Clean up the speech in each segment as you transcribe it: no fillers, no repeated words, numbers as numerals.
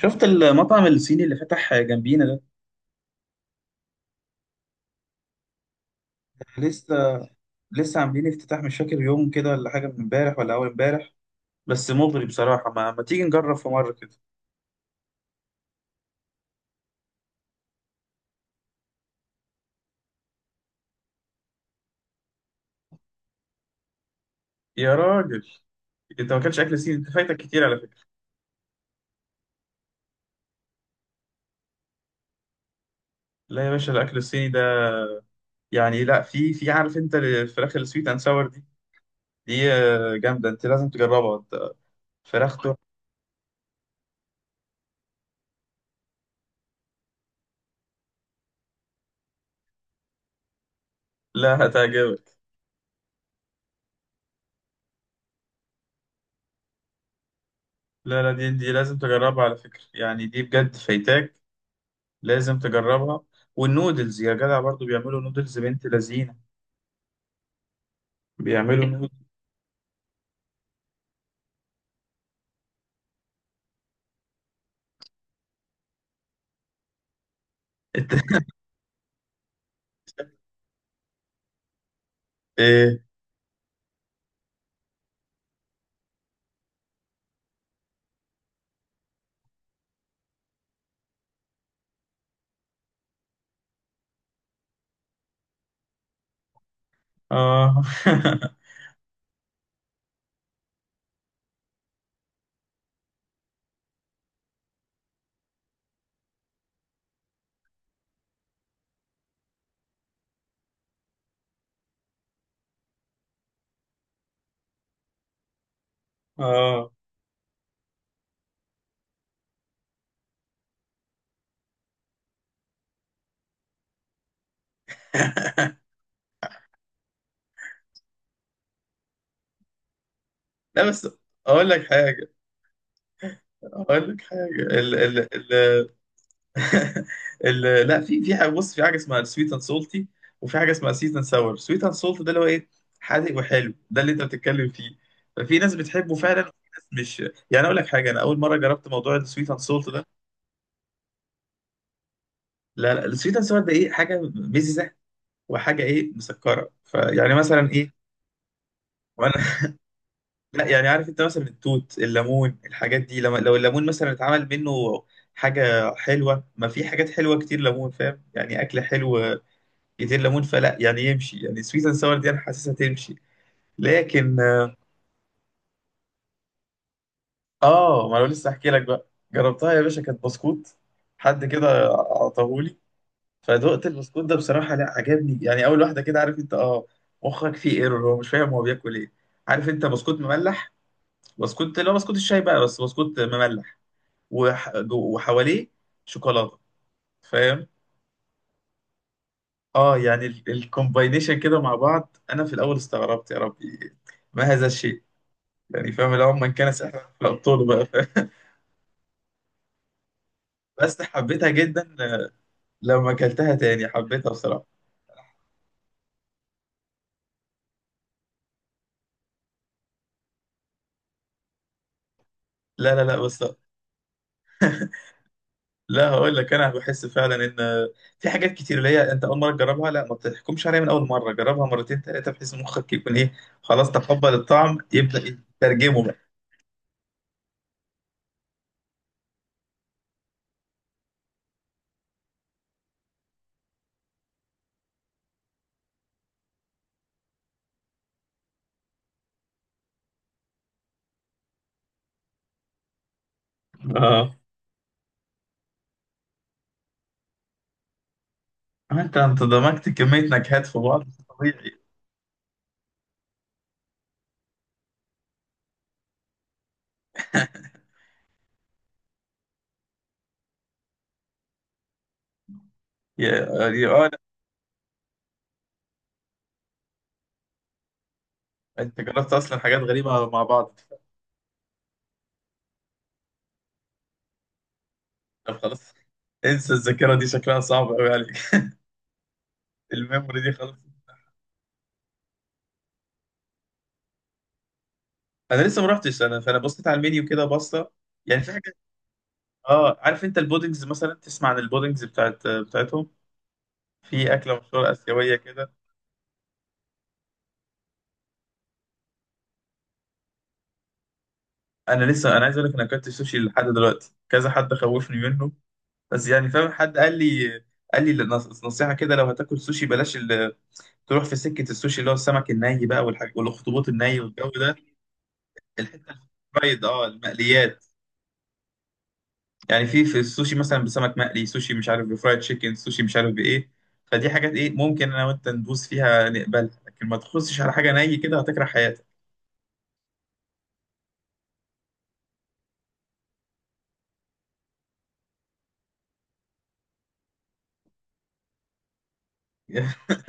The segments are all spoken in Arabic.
شفت المطعم الصيني اللي فتح جنبينا ده. لسه لسه عاملين افتتاح، مش فاكر يوم كده ولا حاجه، من امبارح ولا اول امبارح. بس مغري بصراحه. ما تيجي نجرب في مره كده؟ يا راجل، انت ما اكلتش اكل صيني، انت فايتك كتير على فكره. لا يا باشا، الاكل الصيني ده يعني لا. في عارف انت الفراخ السويت اند ساور دي؟ دي جامده، انت لازم تجربها انت. فراخته لا هتعجبك. لا لا، دي لازم تجربها على فكره، يعني دي بجد فايتاك، لازم تجربها. والنودلز يا جدع برضو، بيعملوا نودلز بنت لذينه. بيعملوا نوت. الت... ايه. اه. اه. لا بس اقول لك حاجه، اقول لك حاجه. ال ال ال لا. في حاجه، بص، في حاجه اسمها سويت اند سولتي، وفي حاجه اسمها سيت اند ساور. سويت اند سولت ده اللي هو ايه؟ حادق وحلو، ده اللي انت بتتكلم فيه. ففي ناس بتحبه فعلا وفي ناس مش. يعني اقول لك حاجه، انا اول مره جربت موضوع السويت اند سولت ده. لا لا، السويت اند ساور ده ايه، حاجه مززه وحاجه ايه، مسكره. فيعني مثلا ايه، وانا لا يعني عارف انت مثلا التوت، الليمون، الحاجات دي. لما لو الليمون مثلا اتعمل منه حاجة حلوة، ما في حاجات حلوة كتير ليمون فاهم؟ يعني أكل حلو كتير ليمون، فلا يعني يمشي. يعني سويت اند ساور دي أنا حاسسها تمشي لكن. اه، ما انا لسه احكي لك بقى. جربتها يا باشا، كانت بسكوت، حد كده عطاهولي، فدقت البسكوت ده بصراحة لا عجبني، يعني أول واحدة كده عارف انت. اه، مخك فيه ايرور، هو مش فاهم هو بياكل ايه. عارف انت، بسكوت مملح، بسكوت لا، بسكوت الشاي بقى، بس بسكوت مملح، وحواليه شوكولاته، فاهم. اه، يعني الكومباينيشن كده مع بعض، انا في الاول استغربت، يا ربي ما هذا الشيء، يعني فاهم؟ لو من كان سحرا فابطاله بقى فاهم. بس حبيتها جدا لما اكلتها تاني حبيتها بصراحه. لا بس. لا هقول لك، انا بحس فعلا ان في حاجات كتير اللي هي انت اول مره تجربها، لا ما تحكمش عليها من اول مره، جربها مرتين ثلاثه بحيث مخك يكون ايه، خلاص تقبل الطعم، يبدا يترجمه بقى. انت دمجت كمية نكهات في بعض مش طبيعي. يا يا اه لا، انت جربت اصلا حاجات غريبة مع بعض. طب خلاص، انسى الذاكرة دي، شكلها صعب قوي عليك. الميموري دي خلاص. انا لسه ما رحتش، انا فانا بصيت على المنيو كده بصة. يعني في حاجة، اه، عارف انت البودنجز مثلا؟ تسمع عن البودنجز بتاعتهم؟ في اكلة مشهورة اسيوية كده. انا لسه، انا عايز اقول لك، انا اكلت سوشي لحد دلوقتي كذا، حد خوفني منه. بس يعني فاهم، حد قال لي، قال لي نصيحة كده: لو هتاكل سوشي بلاش تروح في سكه السوشي اللي هو السمك الني بقى والحاجات، والاخطبوط الني والجو ده. الحته الفرايد، اه، المقليات. يعني في في السوشي مثلا بسمك مقلي سوشي، مش عارف، بفرايد تشيكن سوشي، مش عارف بايه. فدي حاجات ايه، ممكن انا وانت ندوس فيها نقبلها، لكن ما تخصش على حاجه ني كده هتكره حياتك.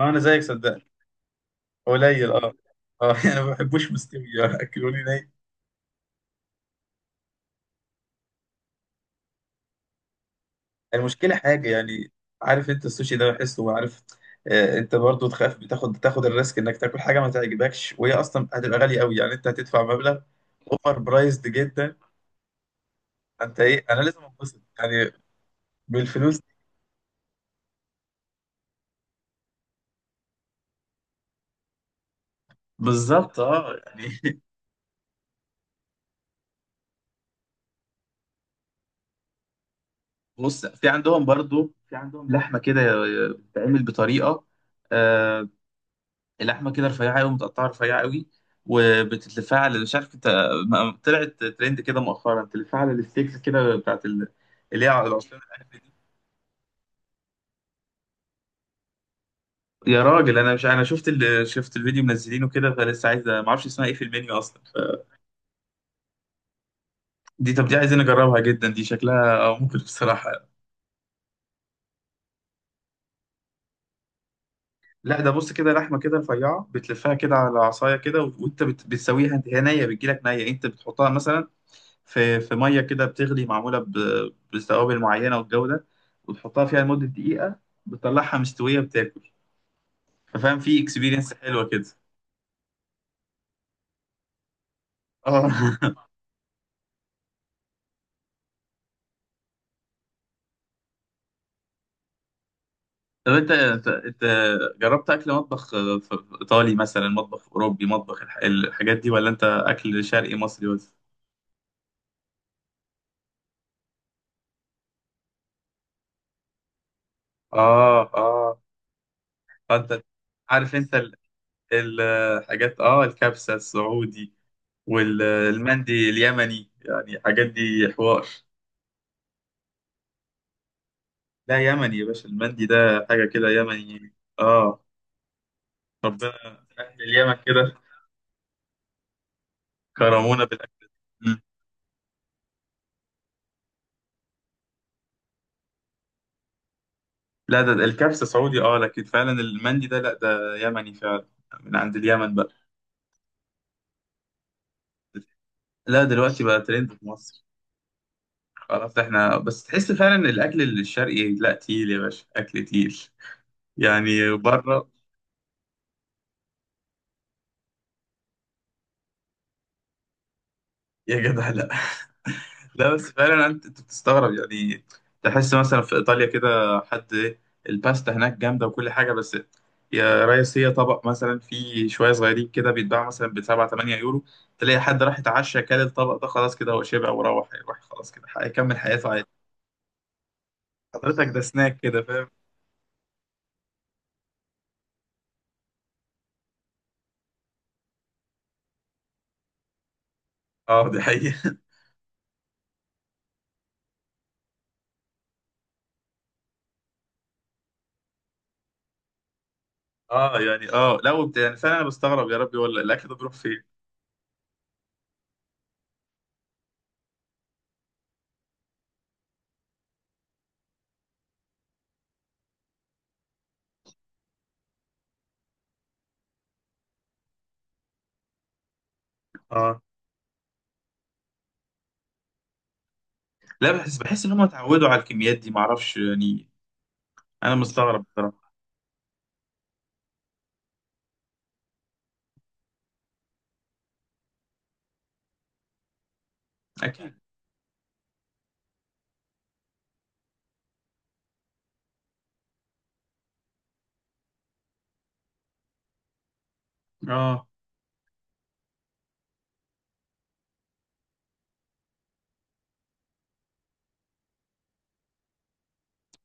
انا زيك صدقني. قليل اه. اه. يعني ما بحبوش مستوي، اكلوني ني. المشكلة حاجة يعني، عارف انت السوشي ده بحسه وعارف، انت برضو تخاف، تاخد الريسك انك تاكل حاجة ما تعجبكش، وهي اصلا هتبقى غالية قوي، يعني انت هتدفع مبلغ اوفر برايزد جدا. انت ايه، انا لازم انبسط يعني بالفلوس دي. بالظبط اه يعني. بص، في عندهم برضو، في عندهم لحمه كده بتتعمل بطريقه، اللحمه كده رفيعه قوي، متقطعه رفيعه قوي، وبتتلفها على، مش عارف انت، طلعت ترند كده مؤخرا، تلفها على الستيكس كده بتاعت اللي هي العصيان الاكل دي. يا راجل، انا مش، انا شفت شفت الفيديو منزلينه كده، فلسه عايز، ما اعرفش اسمها ايه في المنيو اصلا. دي، طب دي عايزين نجربها جدا، دي شكلها ممكن بصراحه. لا ده بص كده، لحمه كده رفيعه، بتلفها كده على عصايه كده، وانت بتسويها انت. هي نيه، بتجيلك نيه، انت بتحطها مثلا في ميه كده بتغلي، معموله بتوابل معينه والجو ده، وتحطها فيها لمده دقيقه، بتطلعها مستويه، بتاكل. ففاهم، في اكسبيرينس حلوه كده. اه. طب انت، انت جربت اكل مطبخ، في ايطالي مثلا، مطبخ اوروبي، مطبخ الحاجات دي، ولا انت اكل شرقي مصري بس؟ اه اه. فانت عارف انت الحاجات اه، الكبسه السعودي والمندي اليمني، يعني الحاجات دي حوار. لا يمني يا باشا، المندي ده حاجة كده يمني اه، ربنا. أهل اليمن كده كرمونا بالأكل. مم. لا ده ده الكبسة سعودي اه، لكن فعلا المندي ده لا، ده يمني فعلا، من عند اليمن بقى. لا دلوقتي بقى ترند في مصر. خلاص احنا بس، تحس فعلا الأكل الشرقي لا، تقيل يا باشا، أكل تقيل. يعني بره، يا جدع لا. لا بس فعلا انت، أنت بتستغرب يعني، تحس مثلا في ايطاليا كده، حد الباستا هناك جامده وكل حاجه بس، يا ريس هي طبق مثلا فيه شويه صغيرين كده، بيتباع مثلا ب 7 8 يورو، تلاقي حد راح يتعشى كل الطبق ده، خلاص كده هو شبع وروح، هيروح خلاص كده هيكمل حياته عادي. حضرتك ده سناك كده فاهم. اه دي حقيقه. اه يعني اه لا، يعني فعلا انا بستغرب، يا ربي ولا الاكل ده بيروح فين. اه، لا بحس، بحس ان هم اتعودوا على الكميات دي، معرفش يعني. انا مستغرب بصراحة. اكيد. اه.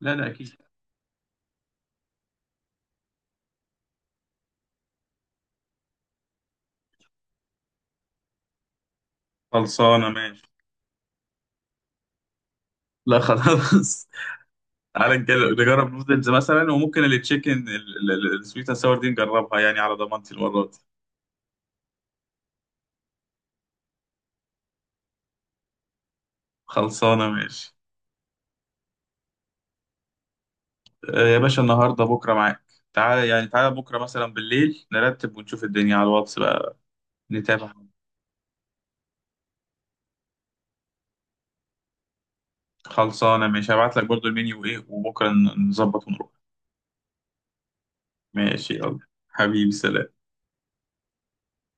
لا لا اكيد. خلصانه ماشي. لا خلاص. تعالى نجرب نودلز مثلا، وممكن التشيكن السويت اند ساور دي نجربها، يعني على ضمانتي المره دي. خلصانه ماشي. يا باشا النهارده بكره معاك، تعالى يعني، تعالى بكره مثلا بالليل، نرتب ونشوف الدنيا على الواتس بقى. نتابع. خلصانه ماشي، هبعت لك برضو المنيو ايه، وبكره نظبط ونروح. ماشي يلا. حبيبي سلام.